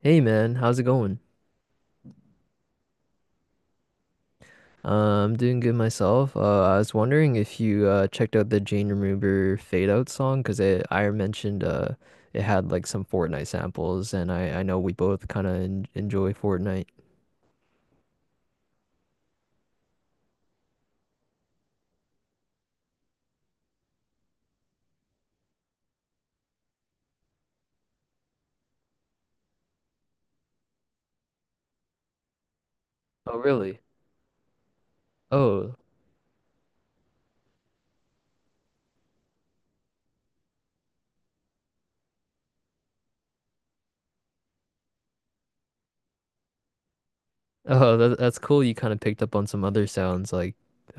Hey man, how's it going? I'm doing good myself. I was wondering if you checked out the Jane Remover Fade Out song because it I mentioned it had like some Fortnite samples, and I know we both kind of en enjoy Fortnite. Oh really? Oh, Oh, that's cool. You kind of picked up on some other sounds like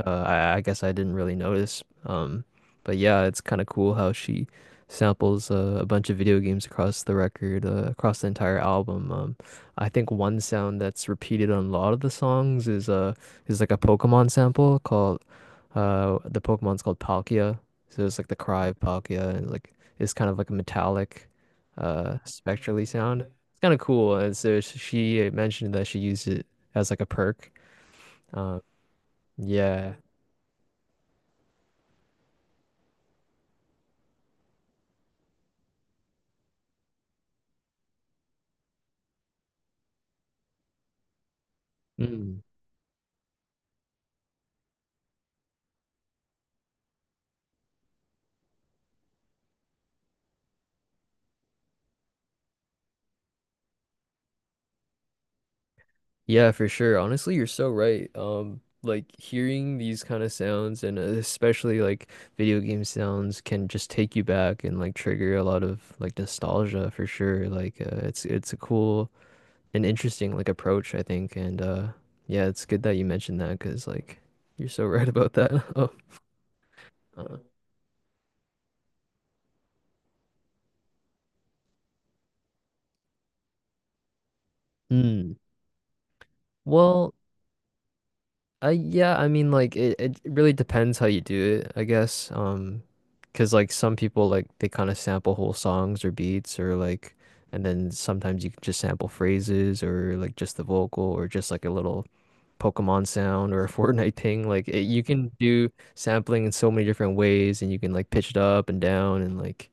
I guess I didn't really notice. But yeah, it's kind of cool how she samples a bunch of video games across the record, across the entire album. I think one sound that's repeated on a lot of the songs is like a Pokemon sample called the Pokemon's called Palkia. So it's like the cry of Palkia and like it's kind of like a metallic spectrally sound. It's kind of cool. And so she mentioned that she used it as like a perk. Um, yeah. Mm. Yeah, for sure. Honestly, you're so right. Like hearing these kind of sounds and especially like video game sounds can just take you back and like trigger a lot of like nostalgia for sure. Like it's a cool and interesting like approach, I think. And yeah, it's good that you mentioned that because like you're so right about that. Oh, uh, hmm. Well, yeah, I mean, like it really depends how you do it, I guess. 'Cause like some people like they kind of sample whole songs or beats or like, and then sometimes you can just sample phrases or like just the vocal or just like a little Pokemon sound or a Fortnite thing. Like it, you can do sampling in so many different ways, and you can like pitch it up and down and like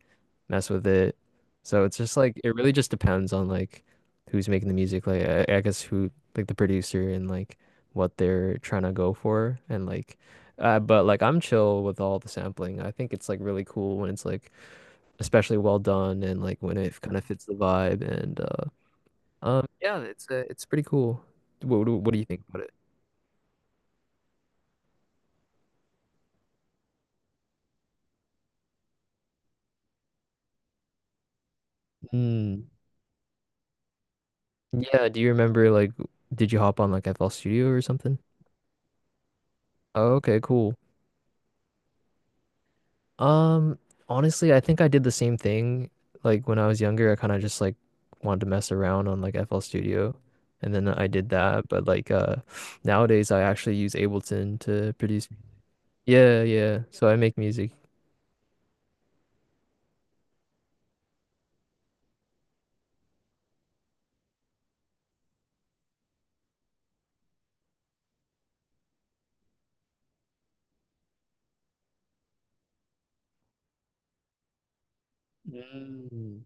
mess with it. So it's just like it really just depends on like who's making the music. Like I guess who like the producer and like what they're trying to go for and like. But like I'm chill with all the sampling. I think it's like really cool when it's like especially well done and like when it kind of fits the vibe and yeah, it's pretty cool. What do you think about it? Yeah, do you remember like did you hop on like FL Studio or something? Oh, okay, cool. Um, Honestly, I think I did the same thing. Like when I was younger, I kind of just like wanted to mess around on like FL Studio and then I did that, but like nowadays I actually use Ableton to produce. Yeah, yeah. So I make music. Mm.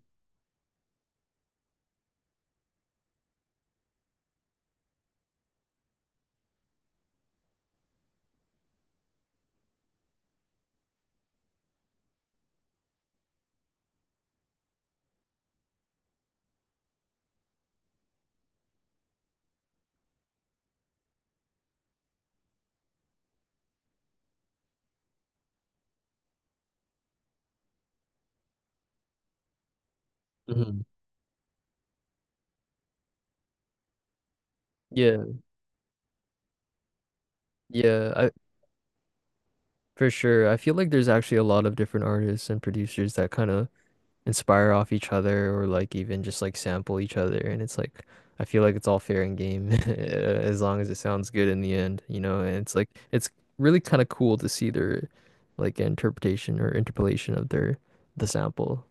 Mhm. Yeah, yeah, I for sure. I feel like there's actually a lot of different artists and producers that kind of inspire off each other or like even just like sample each other and it's like I feel like it's all fair and game as long as it sounds good in the end, you know, and it's like it's really kind of cool to see their like interpretation or interpolation of their the sample.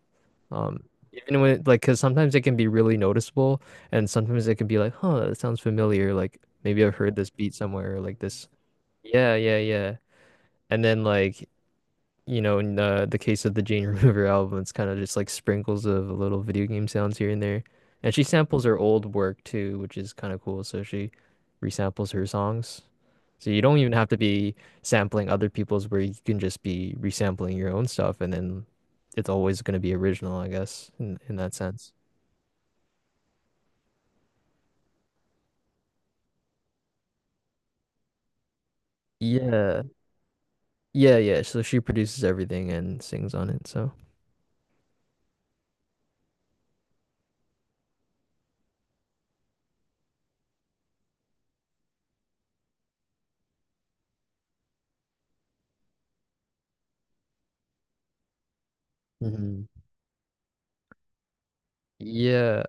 Um Even when like because sometimes it can be really noticeable and sometimes it can be like, huh, that sounds familiar, like maybe I've heard this beat somewhere or like this. Yeah, yeah, yeah. And then like you know, in the case of the Jane Remover album, it's kind of just like sprinkles of little video game sounds here and there. And she samples her old work too, which is kind of cool. So she resamples her songs. So you don't even have to be sampling other people's where you can just be resampling your own stuff and then it's always going to be original, I guess, in that sense. Yeah. Yeah, yeah. So she produces everything and sings on it. So, mhm. Yeah.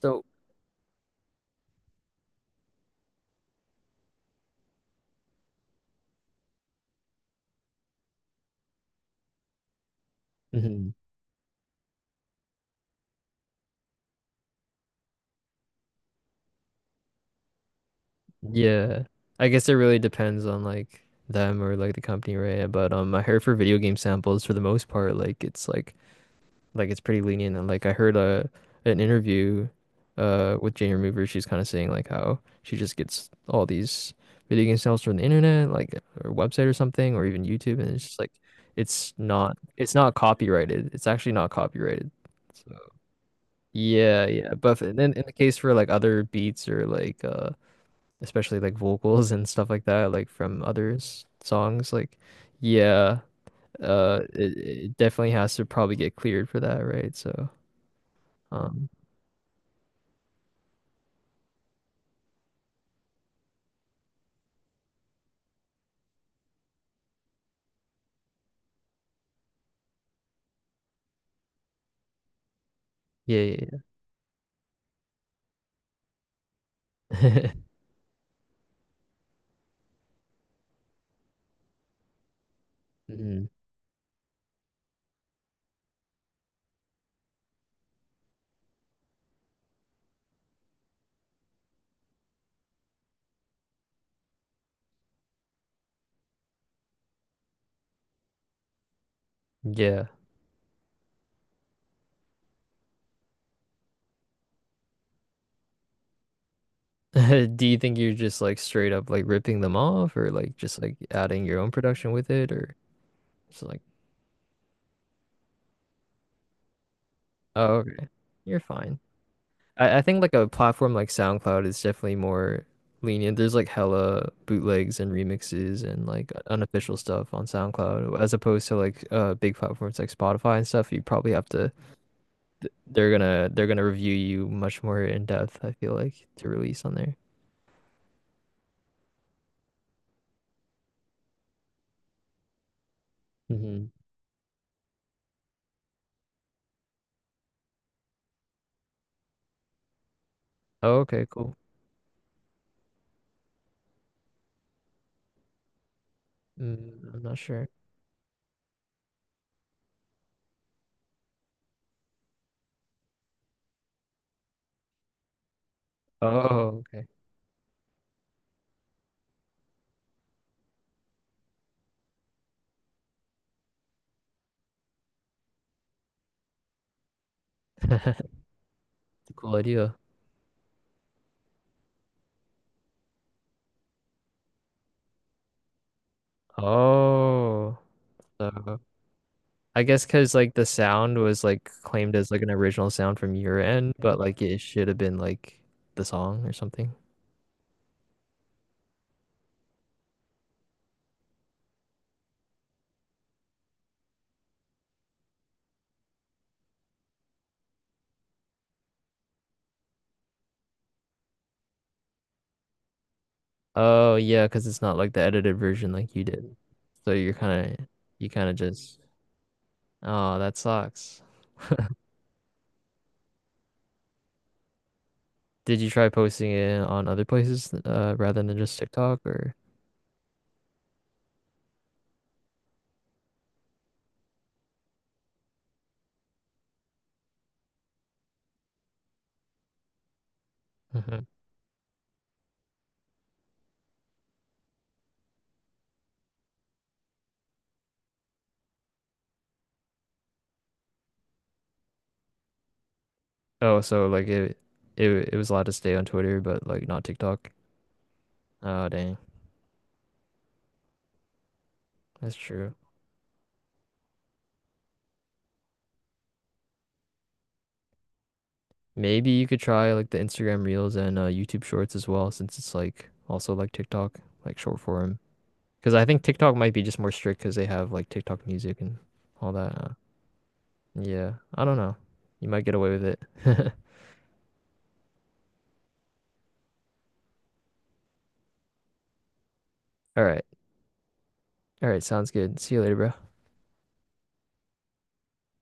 So, mhm. Yeah. I guess it really depends on like them or like the company, right? But I heard for video game samples for the most part, like it's pretty lenient and like I heard a an interview with Jane Remover, she's kinda saying like how she just gets all these video game samples from the internet, like or website or something, or even YouTube and it's just like it's not copyrighted. It's actually not copyrighted. So yeah, yeah. But then in the case for like other beats or like especially like vocals and stuff like that, like from other songs. Like, yeah, it definitely has to probably get cleared for that, right? So, um, yeah, yeah, yeah. Mhm. Yeah. Do you think you're just like straight up like ripping them off, or like just like adding your own production with it, or just like, oh, okay, you're fine. I think like a platform like SoundCloud is definitely more lenient. There's like hella bootlegs and remixes and like unofficial stuff on SoundCloud as opposed to like big platforms like Spotify and stuff. You probably have to they're gonna review you much more in depth, I feel like, to release on there. Hmm. Oh, okay, cool. Mm, I'm not sure. Oh, okay. Cool idea. Oh, so I guess because like the sound was like claimed as like an original sound from your end, but like it should have been like the song or something. Oh yeah, because it's not like the edited version like you did. So you kind of just oh that sucks. Did you try posting it on other places rather than just TikTok or? Mhm. Oh, so like it was allowed to stay on Twitter, but like not TikTok. Oh dang, that's true. Maybe you could try like the Instagram Reels and YouTube Shorts as well, since it's like also like TikTok, like short form. Because I think TikTok might be just more strict because they have like TikTok music and all that. Yeah, I don't know. You might get away with it. All right. All right. Sounds good. See you later, bro.